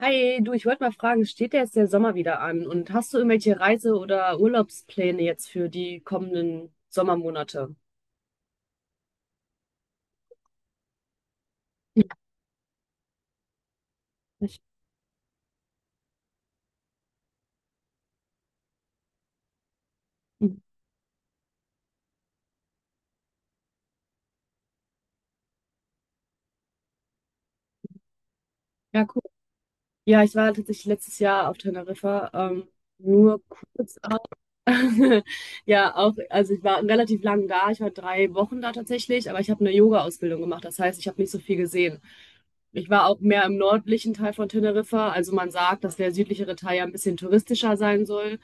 Hi, du, ich wollte mal fragen, steht ja jetzt der Sommer wieder an und hast du irgendwelche Reise- oder Urlaubspläne jetzt für die kommenden Sommermonate? Ja, ich- mhm. Ja, cool. Ja, ich war tatsächlich letztes Jahr auf Teneriffa, nur kurz. Ja, auch, also ich war relativ lang da. Ich war drei Wochen da tatsächlich, aber ich habe eine Yoga-Ausbildung gemacht. Das heißt, ich habe nicht so viel gesehen. Ich war auch mehr im nördlichen Teil von Teneriffa. Also man sagt, dass der südlichere Teil ja ein bisschen touristischer sein soll.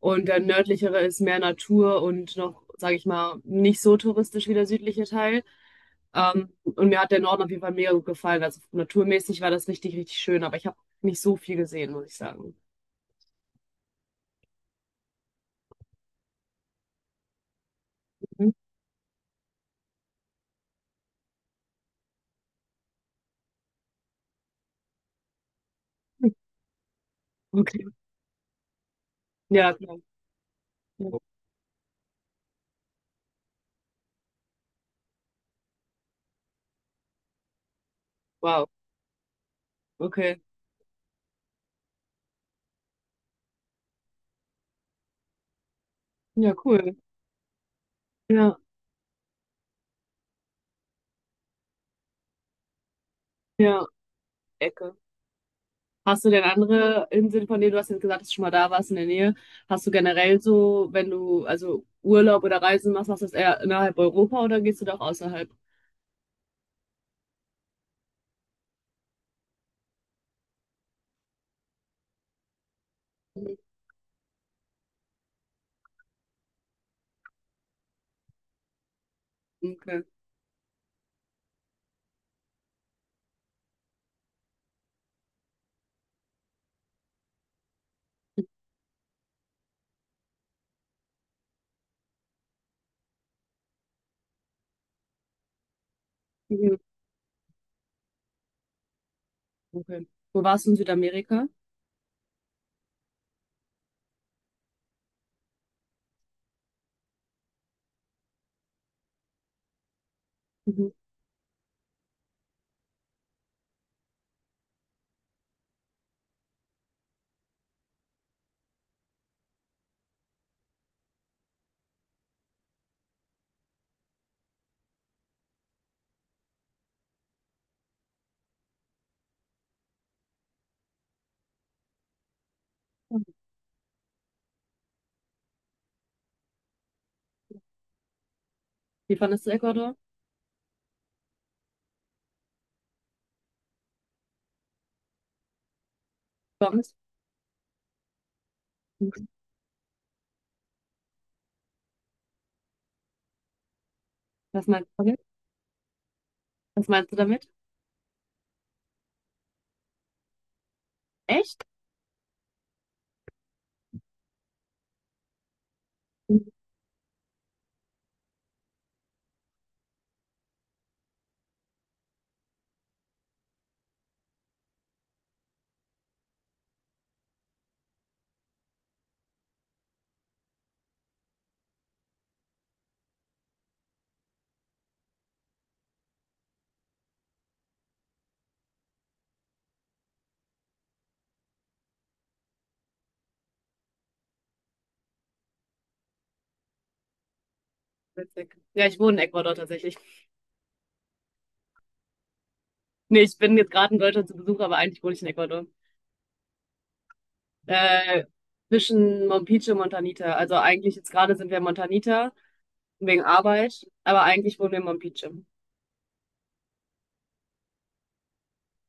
Und der nördlichere ist mehr Natur und noch, sage ich mal, nicht so touristisch wie der südliche Teil. Und mir hat der Norden auf jeden Fall mega gut gefallen. Also naturmäßig war das richtig, richtig schön, aber ich habe nicht so viel gesehen, muss ich sagen. Mhm. Okay. Ja, klar. Ja. Wow. Okay. Ja, cool. Ja, ja, Ecke. Hast du denn andere Inseln, von denen du hast jetzt gesagt, dass du schon mal da warst in der Nähe? Hast du generell so, wenn du also Urlaub oder Reisen machst, machst du das eher innerhalb Europa oder gehst du doch außerhalb? Mhm. Okay. Mhm. Okay. Wo warst du in Südamerika? Mhm. Wie fandest du Ecuador? Sonst? Was meinst du damit? Was meinst du damit? Echt? Mhm. Witzig. Ja, ich wohne in Ecuador tatsächlich. Nee, ich bin jetzt gerade in Deutschland zu Besuch, aber eigentlich wohne ich in Ecuador. Äh, Zwischen Mompice und Montanita. Also eigentlich jetzt gerade sind wir in Montanita wegen Arbeit, aber eigentlich wohnen wir in Mompice.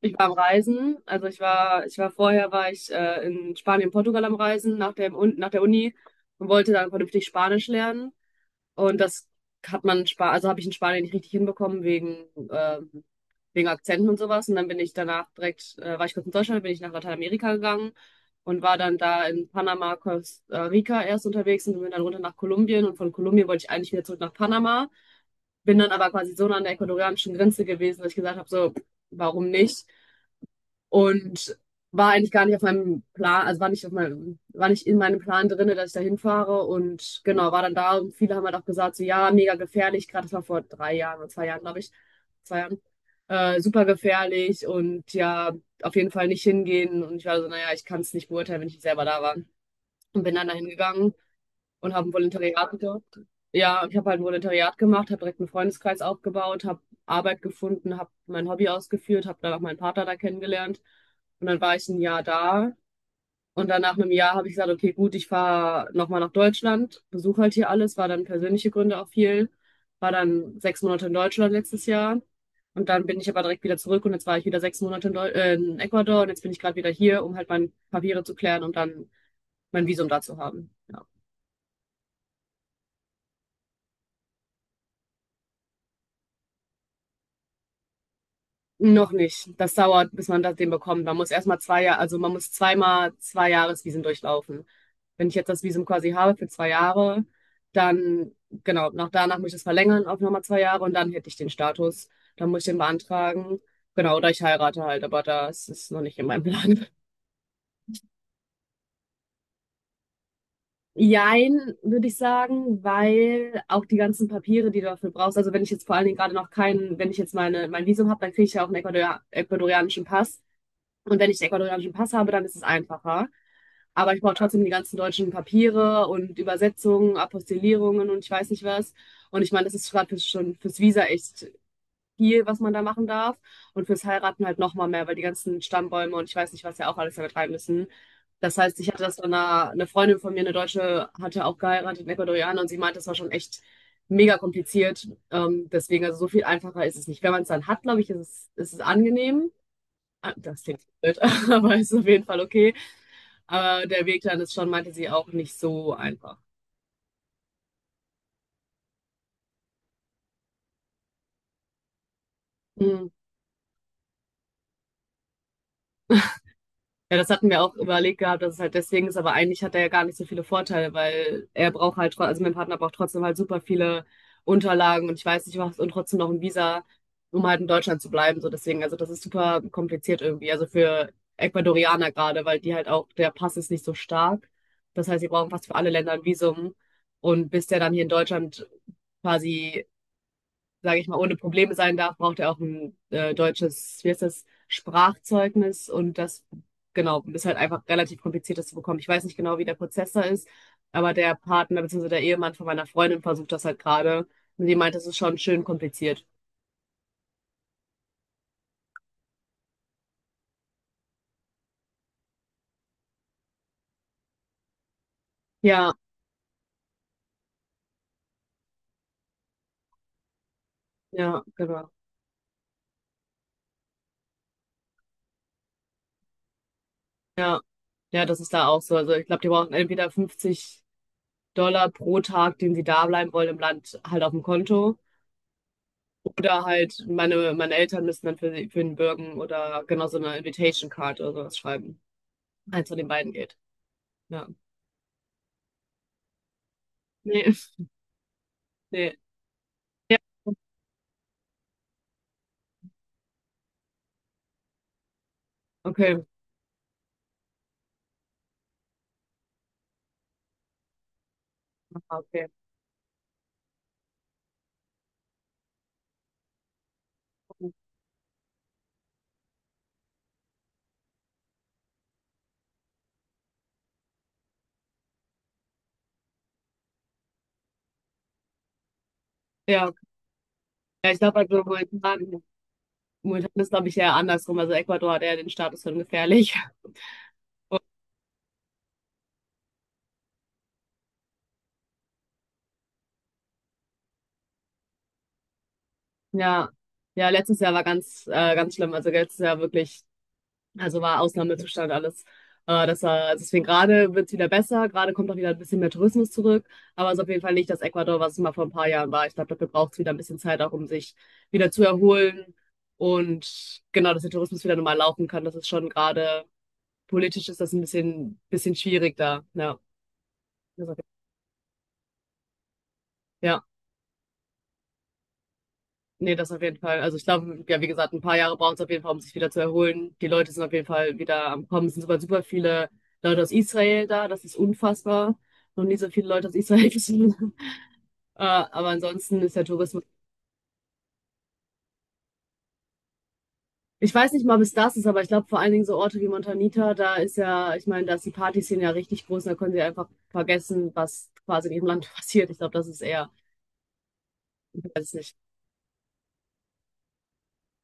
Ich war am Reisen, also ich war vorher war ich in Spanien, Portugal am Reisen nach nach der Uni und wollte dann vernünftig Spanisch lernen. Und das hat man in Spanien, also habe ich in Spanien nicht richtig hinbekommen ähm, wegen Akzenten und sowas. Und dann bin ich danach war ich kurz in Deutschland, dann bin ich nach Lateinamerika gegangen und war dann da in Panama, Costa Rica erst unterwegs und bin dann runter nach Kolumbien. Und von Kolumbien wollte ich eigentlich wieder zurück nach Panama, bin dann aber quasi so nah an der ecuadorianischen Grenze gewesen, dass ich gesagt habe, so, warum nicht? Und war eigentlich gar nicht auf meinem Plan, also war nicht in meinem Plan drin, dass ich da hinfahre. Und genau, war dann da und viele haben halt auch gesagt, so ja, mega gefährlich, gerade das war vor drei Jahren oder zwei Jahren, glaube ich, zwei Jahren. Super gefährlich und ja, auf jeden Fall nicht hingehen. Und ich war so, naja, ich kann es nicht beurteilen, wenn ich nicht selber da war. Und bin dann dahin gegangen und habe ein Volontariat gemacht. Ja, ich habe halt ein Volontariat gemacht, habe direkt einen Freundeskreis aufgebaut, habe Arbeit gefunden, habe mein Hobby ausgeführt, habe dann auch meinen Partner da kennengelernt. Und dann war ich ein Jahr da. Und dann nach einem Jahr habe ich gesagt, okay, gut, ich fahre nochmal nach Deutschland, besuche halt hier alles, war dann persönliche Gründe auch viel, war dann sechs Monate in Deutschland letztes Jahr. Und dann bin ich aber direkt wieder zurück und jetzt war ich wieder sechs Monate in Ecuador und jetzt bin ich gerade wieder hier, um halt meine Papiere zu klären und dann mein Visum da zu haben. Ja. Noch nicht. Das dauert, bis man das den bekommt. Man muss erstmal zwei Jahre, also man muss zweimal zwei Jahresvisen durchlaufen. Wenn ich jetzt das Visum quasi habe für zwei Jahre, dann, genau, nach danach muss ich das verlängern auf nochmal zwei Jahre und dann hätte ich den Status. Dann muss ich den beantragen. Genau, oder ich heirate halt, aber das ist noch nicht in meinem Plan. Jein, würde ich sagen, weil auch die ganzen Papiere, die du dafür brauchst, also wenn ich jetzt vor allen Dingen gerade noch keinen, wenn ich jetzt mein Visum habe, dann kriege ich ja auch einen ecuadorianischen Pass. Und wenn ich den ecuadorianischen Pass habe, dann ist es einfacher. Aber ich brauche trotzdem die ganzen deutschen Papiere und Übersetzungen, Apostillierungen und ich weiß nicht was. Und ich meine, das ist schon fürs Visa echt viel, was man da machen darf. Und fürs Heiraten halt nochmal mehr, weil die ganzen Stammbäume und ich weiß nicht, was ja auch alles damit rein müssen. Das heißt, ich hatte das dann, eine Freundin von mir, eine Deutsche, hatte auch geheiratet, eine Ecuadorianer, und sie meinte, das war schon echt mega kompliziert. Deswegen, also so viel einfacher ist es nicht. Wenn man es dann hat, glaube ich, ist es angenehm. Ah, das klingt blöd, aber ist auf jeden Fall okay. Aber der Weg dann ist schon, meinte sie, auch nicht so einfach. Mhm. Ja, das hatten wir auch überlegt gehabt, dass es halt deswegen ist, aber eigentlich hat er ja gar nicht so viele Vorteile, weil er braucht also mein Partner braucht trotzdem halt super viele Unterlagen und ich weiß nicht was und trotzdem noch ein Visa, um halt in Deutschland zu bleiben. So deswegen, also das ist super kompliziert irgendwie. Also für Ecuadorianer gerade, weil die halt auch, der Pass ist nicht so stark. Das heißt, sie brauchen fast für alle Länder ein Visum. Und bis der dann hier in Deutschland quasi, sage ich mal, ohne Probleme sein darf, braucht er auch ein deutsches, wie heißt das, Sprachzeugnis und das, genau, ist halt einfach relativ kompliziert, das zu bekommen. Ich weiß nicht genau, wie der Prozess da ist, aber der Partner bzw. der Ehemann von meiner Freundin versucht das halt gerade und die meint, das ist schon schön kompliziert. Ja, ja, genau. Ja, ja, das ist da auch so. Also ich glaube, die brauchen entweder $50 pro Tag, den sie da bleiben wollen im Land, halt auf dem Konto. Oder halt, meine Eltern müssen dann für den bürgen oder genau so eine Invitation Card oder sowas schreiben. Eins von den beiden geht. Ja. Nee, nee. Ja, okay. Ah, okay. Ja, okay. Ja, ich glaube, momentan ist, glaube ich, eher andersrum. Also Ecuador hat eher den Status von gefährlich. Ja. Ja, letztes Jahr war ganz schlimm. Also letztes Jahr wirklich, also war Ausnahmezustand alles. Das war, deswegen gerade wird es wieder besser, gerade kommt auch wieder ein bisschen mehr Tourismus zurück, aber es ist auf jeden Fall nicht das Ecuador, was es mal vor ein paar Jahren war. Ich glaube, dafür braucht es wieder ein bisschen Zeit auch, um sich wieder zu erholen und genau, dass der Tourismus wieder normal laufen kann. Das ist schon gerade politisch ist das ein bisschen schwierig da. Ja, ja. Nee, das auf jeden Fall. Also ich glaube, ja, wie gesagt, ein paar Jahre braucht es auf jeden Fall, um sich wieder zu erholen. Die Leute sind auf jeden Fall wieder am Kommen. Es sind sogar super viele Leute aus Israel da. Das ist unfassbar. Noch nie so viele Leute aus Israel gesehen. Aber ansonsten ist der Tourismus. Ich weiß nicht mal, bis das ist, aber ich glaube vor allen Dingen so Orte wie Montanita, da ist ja, ich meine, da ist die Partyszene ja richtig groß und da können sie einfach vergessen, was quasi in ihrem Land passiert. Ich glaube, das ist eher, ich weiß nicht.